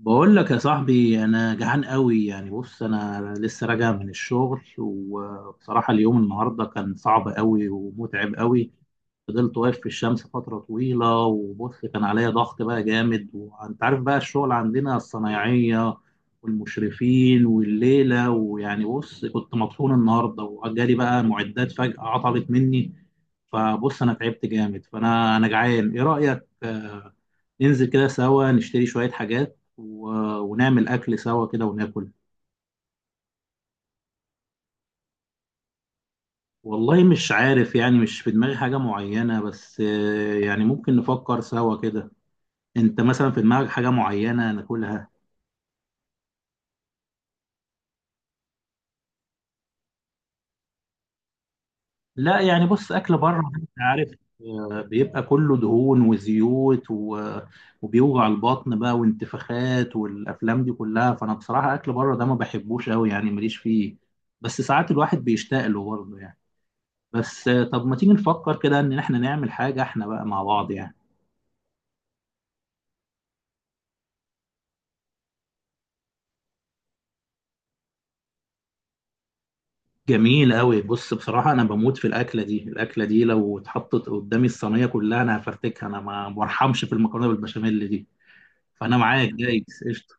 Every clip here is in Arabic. بقول لك يا صاحبي انا جعان قوي. يعني بص، انا لسه راجع من الشغل، وبصراحة اليوم النهاردة كان صعب قوي ومتعب قوي. فضلت واقف في الشمس فترة طويلة، وبص كان عليا ضغط بقى جامد، وانت عارف بقى الشغل عندنا الصنايعية والمشرفين والليلة، ويعني بص كنت مطحون النهاردة، وجالي بقى معدات فجأة عطلت مني. فبص انا تعبت جامد، فانا جعان. ايه رأيك ننزل كده سوا نشتري شوية حاجات ونعمل أكل سوا كده وناكل؟ والله مش عارف، يعني مش في دماغي حاجة معينة، بس يعني ممكن نفكر سوا كده. أنت مثلا في دماغك حاجة معينة ناكلها؟ لا يعني بص، أكل بره أنت عارف بيبقى كله دهون وزيوت وبيوجع البطن بقى، وانتفاخات، والأفلام دي كلها. فأنا بصراحة أكل بره ده ما بحبوش أوي، يعني ماليش فيه. بس ساعات الواحد بيشتاق له برضه يعني. بس طب ما تيجي نفكر كده ان احنا نعمل حاجة احنا بقى مع بعض يعني. جميل قوي، بص بصراحة انا بموت في الاكلة دي، الاكلة دي لو اتحطت قدامي الصينية كلها انا هفرتكها، انا ما برحمش في المكرونة بالبشاميل دي. فانا معاك، جايز، قشطة.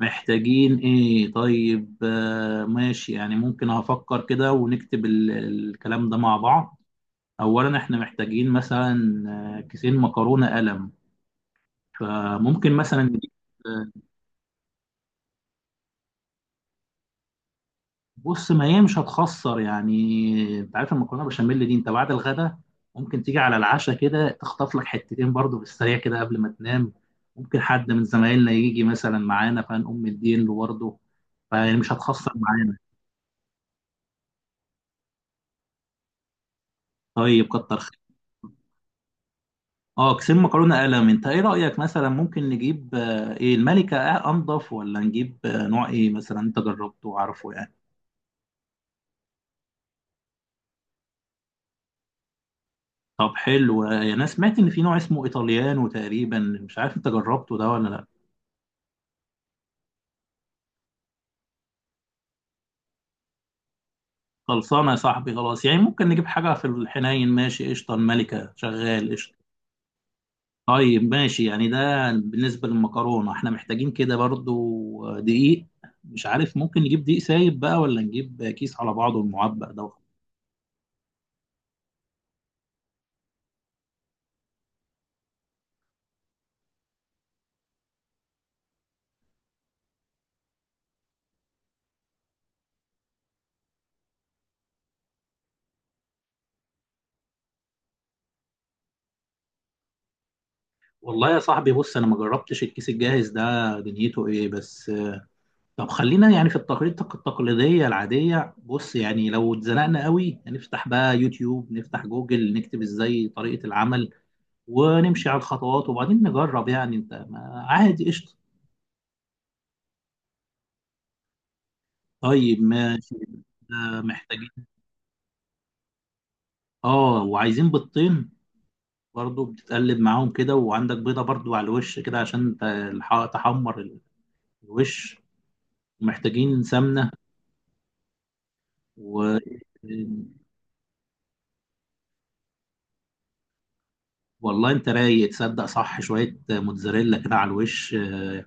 محتاجين ايه طيب؟ ماشي، يعني ممكن هفكر كده ونكتب الكلام ده مع بعض. اولا احنا محتاجين مثلا كيسين مكرونة قلم، فممكن مثلا نجيب. بص، ما هي مش هتخسر، يعني انت عارف المكرونه بشاميل دي انت بعد الغدا ممكن تيجي على العشاء كده تخطف لك حتتين برضو بالسريع كده قبل ما تنام. ممكن حد من زمايلنا يجي مثلا معانا فنقوم مدين له برضه، فيعني مش هتخسر معانا. طيب، كتر خير. اه، كسين مكرونه قلم. انت ايه رايك مثلا، ممكن نجيب ايه، الملكه انضف، ولا نجيب نوع ايه مثلا انت جربته وعارفه يعني؟ طب حلو، انا سمعت ان في نوع اسمه ايطاليانو تقريبا، مش عارف انت جربته ده ولا لا. خلصانه يا صاحبي، خلاص، يعني ممكن نجيب حاجه في الحنين، ماشي قشطه، الملكه شغال قشطه. طيب ماشي، يعني ده بالنسبه للمكرونه. احنا محتاجين كده برضو دقيق، مش عارف ممكن نجيب دقيق سايب بقى، ولا نجيب كيس على بعضه المعبأ ده. والله يا صاحبي بص، انا ما جربتش الكيس الجاهز ده، دنيته ايه بس؟ طب خلينا يعني في التقريط التقليديه العاديه. بص يعني لو اتزنقنا قوي، هنفتح بقى يوتيوب، نفتح جوجل، نكتب ازاي طريقه العمل، ونمشي على الخطوات، وبعدين نجرب يعني. انت ما عادي، قشطه. طيب ماشي. محتاجين، اه، وعايزين بيضتين برضو، بتتقلب معاهم كده، وعندك بيضه برضو على الوش كده عشان تحمر الوش. ومحتاجين سمنه و والله انت رايق، تصدق صح، شويه موتزاريلا كده على الوش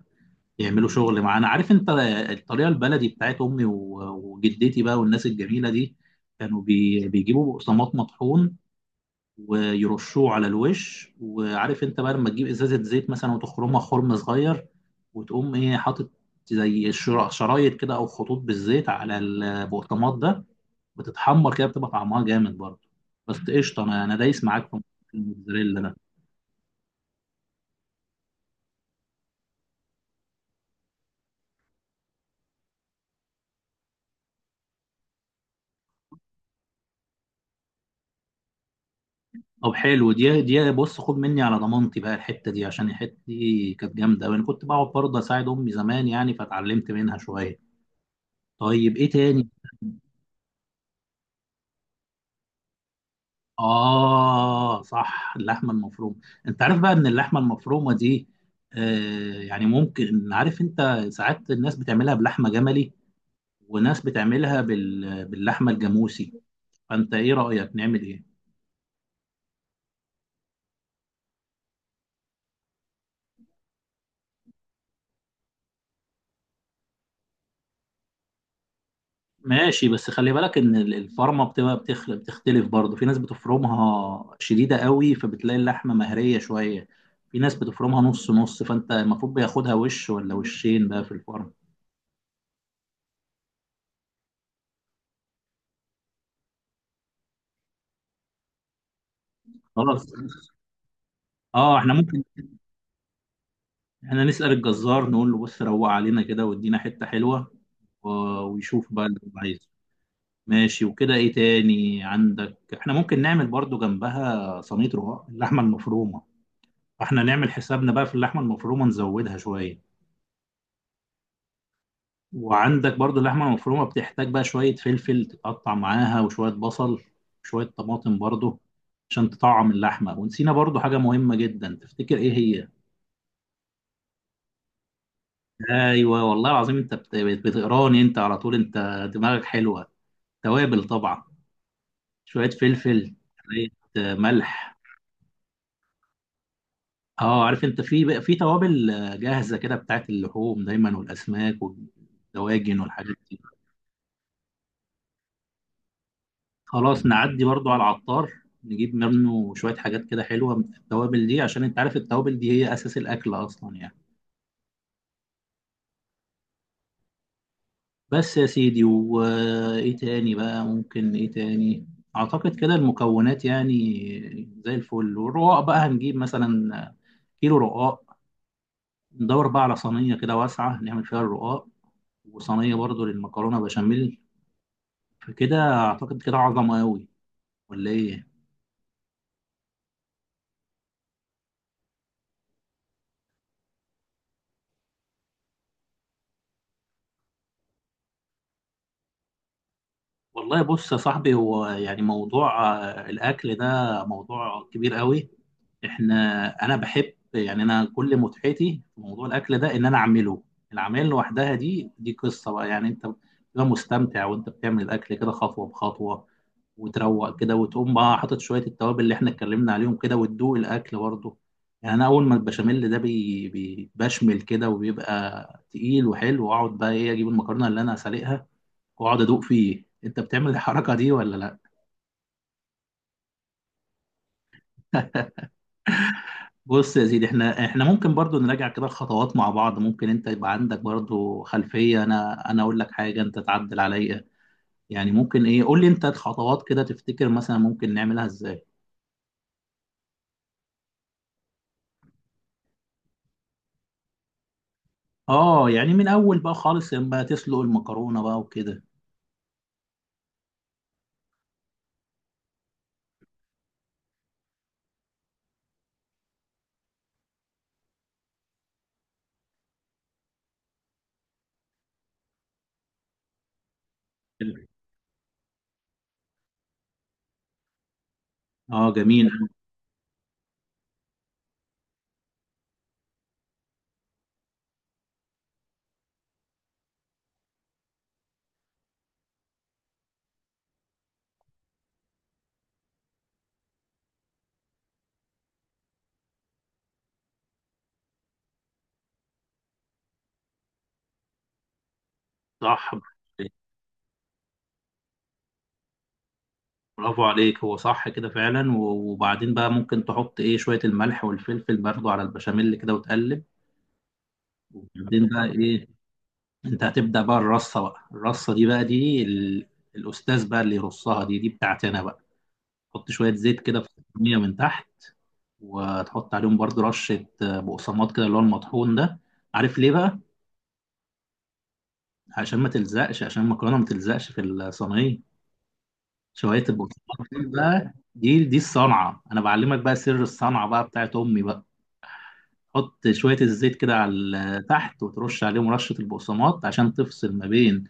يعملوا شغل معانا. عارف انت الطريقه البلدي بتاعت امي وجدتي بقى، والناس الجميله دي كانوا بيجيبوا بقسماط مطحون، ويرشوه على الوش. وعارف انت بقى لما تجيب ازازه زيت مثلا، وتخرمها خرم صغير، وتقوم ايه حاطط زي شرايط كده او خطوط بالزيت على البقطماط ده، بتتحمر كده، بتبقى طعمها جامد برضه. بس قشطه، انا دايس معاك في الموتزاريلا ده. طب حلو، دي بص، خد مني على ضمانتي بقى الحته دي، عشان الحته دي كانت جامده، وانا كنت بقعد برضه اساعد امي زمان يعني، فاتعلمت منها شويه. طيب ايه تاني؟ آه صح، اللحمة المفرومة. أنت عارف بقى إن اللحمة المفرومة دي، آه يعني ممكن، عارف أنت ساعات الناس بتعملها بلحمة جملي، وناس بتعملها باللحمة الجاموسي. فأنت إيه رأيك نعمل إيه؟ ماشي، بس خلي بالك إن الفرمة بتبقى بتختلف برضه. في ناس بتفرمها شديدة قوي، فبتلاقي اللحمة مهرية شوية. في ناس بتفرمها نص نص، فأنت المفروض بياخدها وش ولا وشين بقى في الفرن. خلاص، اه احنا ممكن. احنا نسأل الجزار، نقول له بص روق علينا كده وادينا حتة حلوة، و- ويشوف بقى اللي هو عايزه. ماشي. وكده ايه تاني عندك؟ احنا ممكن نعمل برضو جنبها صينية رقاق اللحمة المفرومة. احنا نعمل حسابنا بقى في اللحمة المفرومة، نزودها شوية. وعندك برضو اللحمة المفرومة بتحتاج بقى شوية فلفل تتقطع معاها، وشوية بصل، شوية طماطم برضو، عشان تطعم اللحمة. ونسينا برضو حاجة مهمة جدا، تفتكر ايه هي؟ ايوه والله العظيم، انت بتقراني انت على طول، انت دماغك حلوة. توابل طبعا. شوية فلفل، شوية ملح. اه، عارف انت في بقى في توابل جاهزة كده بتاعت اللحوم دايما، والأسماك والدواجن والحاجات دي. خلاص، نعدي برضو على العطار، نجيب منه شوية حاجات كده حلوة من التوابل دي، عشان انت عارف التوابل دي هي أساس الأكل أصلا يعني. بس يا سيدي، وإيه تاني بقى ممكن؟ إيه تاني؟ أعتقد كده المكونات يعني زي الفل. والرقاق بقى هنجيب مثلا كيلو رقاق، ندور بقى على صينية كده واسعة نعمل فيها الرقاق، وصينية برضو للمكرونة بشاميل. فكده أعتقد كده عظمة أوي، ولا إيه؟ والله بص يا صاحبي، هو يعني موضوع الأكل ده موضوع كبير أوي. إحنا، أنا بحب يعني، أنا كل متعتي في موضوع الأكل ده إن أنا أعمله. العمل لوحدها دي قصة بقى يعني. أنت بتبقى مستمتع وأنت بتعمل الأكل كده خطوة بخطوة، وتروق كده، وتقوم بقى حاطط شويه التوابل اللي احنا اتكلمنا عليهم كده، وتدوق الاكل برضه. يعني انا اول ما البشاميل ده بشمل كده، وبيبقى تقيل وحلو، واقعد بقى ايه اجيب المكرونه اللي انا هسلقها، واقعد ادوق فيه. انت بتعمل الحركه دي ولا لا؟ بص يا سيدي، احنا ممكن برضو نراجع كده الخطوات مع بعض. ممكن انت يبقى عندك برضو خلفيه، انا اقول لك حاجه انت تعدل عليا يعني. ممكن ايه، قول لي انت الخطوات كده، تفتكر مثلا ممكن نعملها ازاي؟ اه، يعني من اول بقى خالص، لما تسلق المكرونه بقى وكده. اه جميل. صح. برافو عليك، هو صح كده فعلا. وبعدين بقى ممكن تحط ايه شوية الملح والفلفل برضو على البشاميل كده وتقلب. وبعدين بقى ايه، انت هتبدأ بقى الرصة، بقى الرصة دي بقى دي الأستاذ بقى اللي يرصها دي، دي بتاعتنا بقى. تحط شوية زيت كده في الصينية من تحت، وتحط عليهم برضو رشة بقسماط كده، اللي هو المطحون ده. عارف ليه بقى؟ عشان ما تلزقش، عشان المكرونة ما تلزقش في الصينية. شوية البطاطا دي بقى، دي الصنعة، أنا بعلمك بقى سر الصنعة بقى بتاعت أمي بقى. حط شوية الزيت كده على تحت، وترش عليهم رشة البقسماط، عشان تفصل ما بين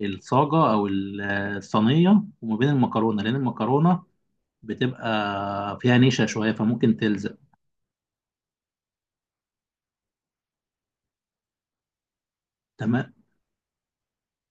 الصاجة أو الصينية وما بين المكرونة، لأن المكرونة بتبقى فيها نشا شوية، فممكن تلزق. تمام.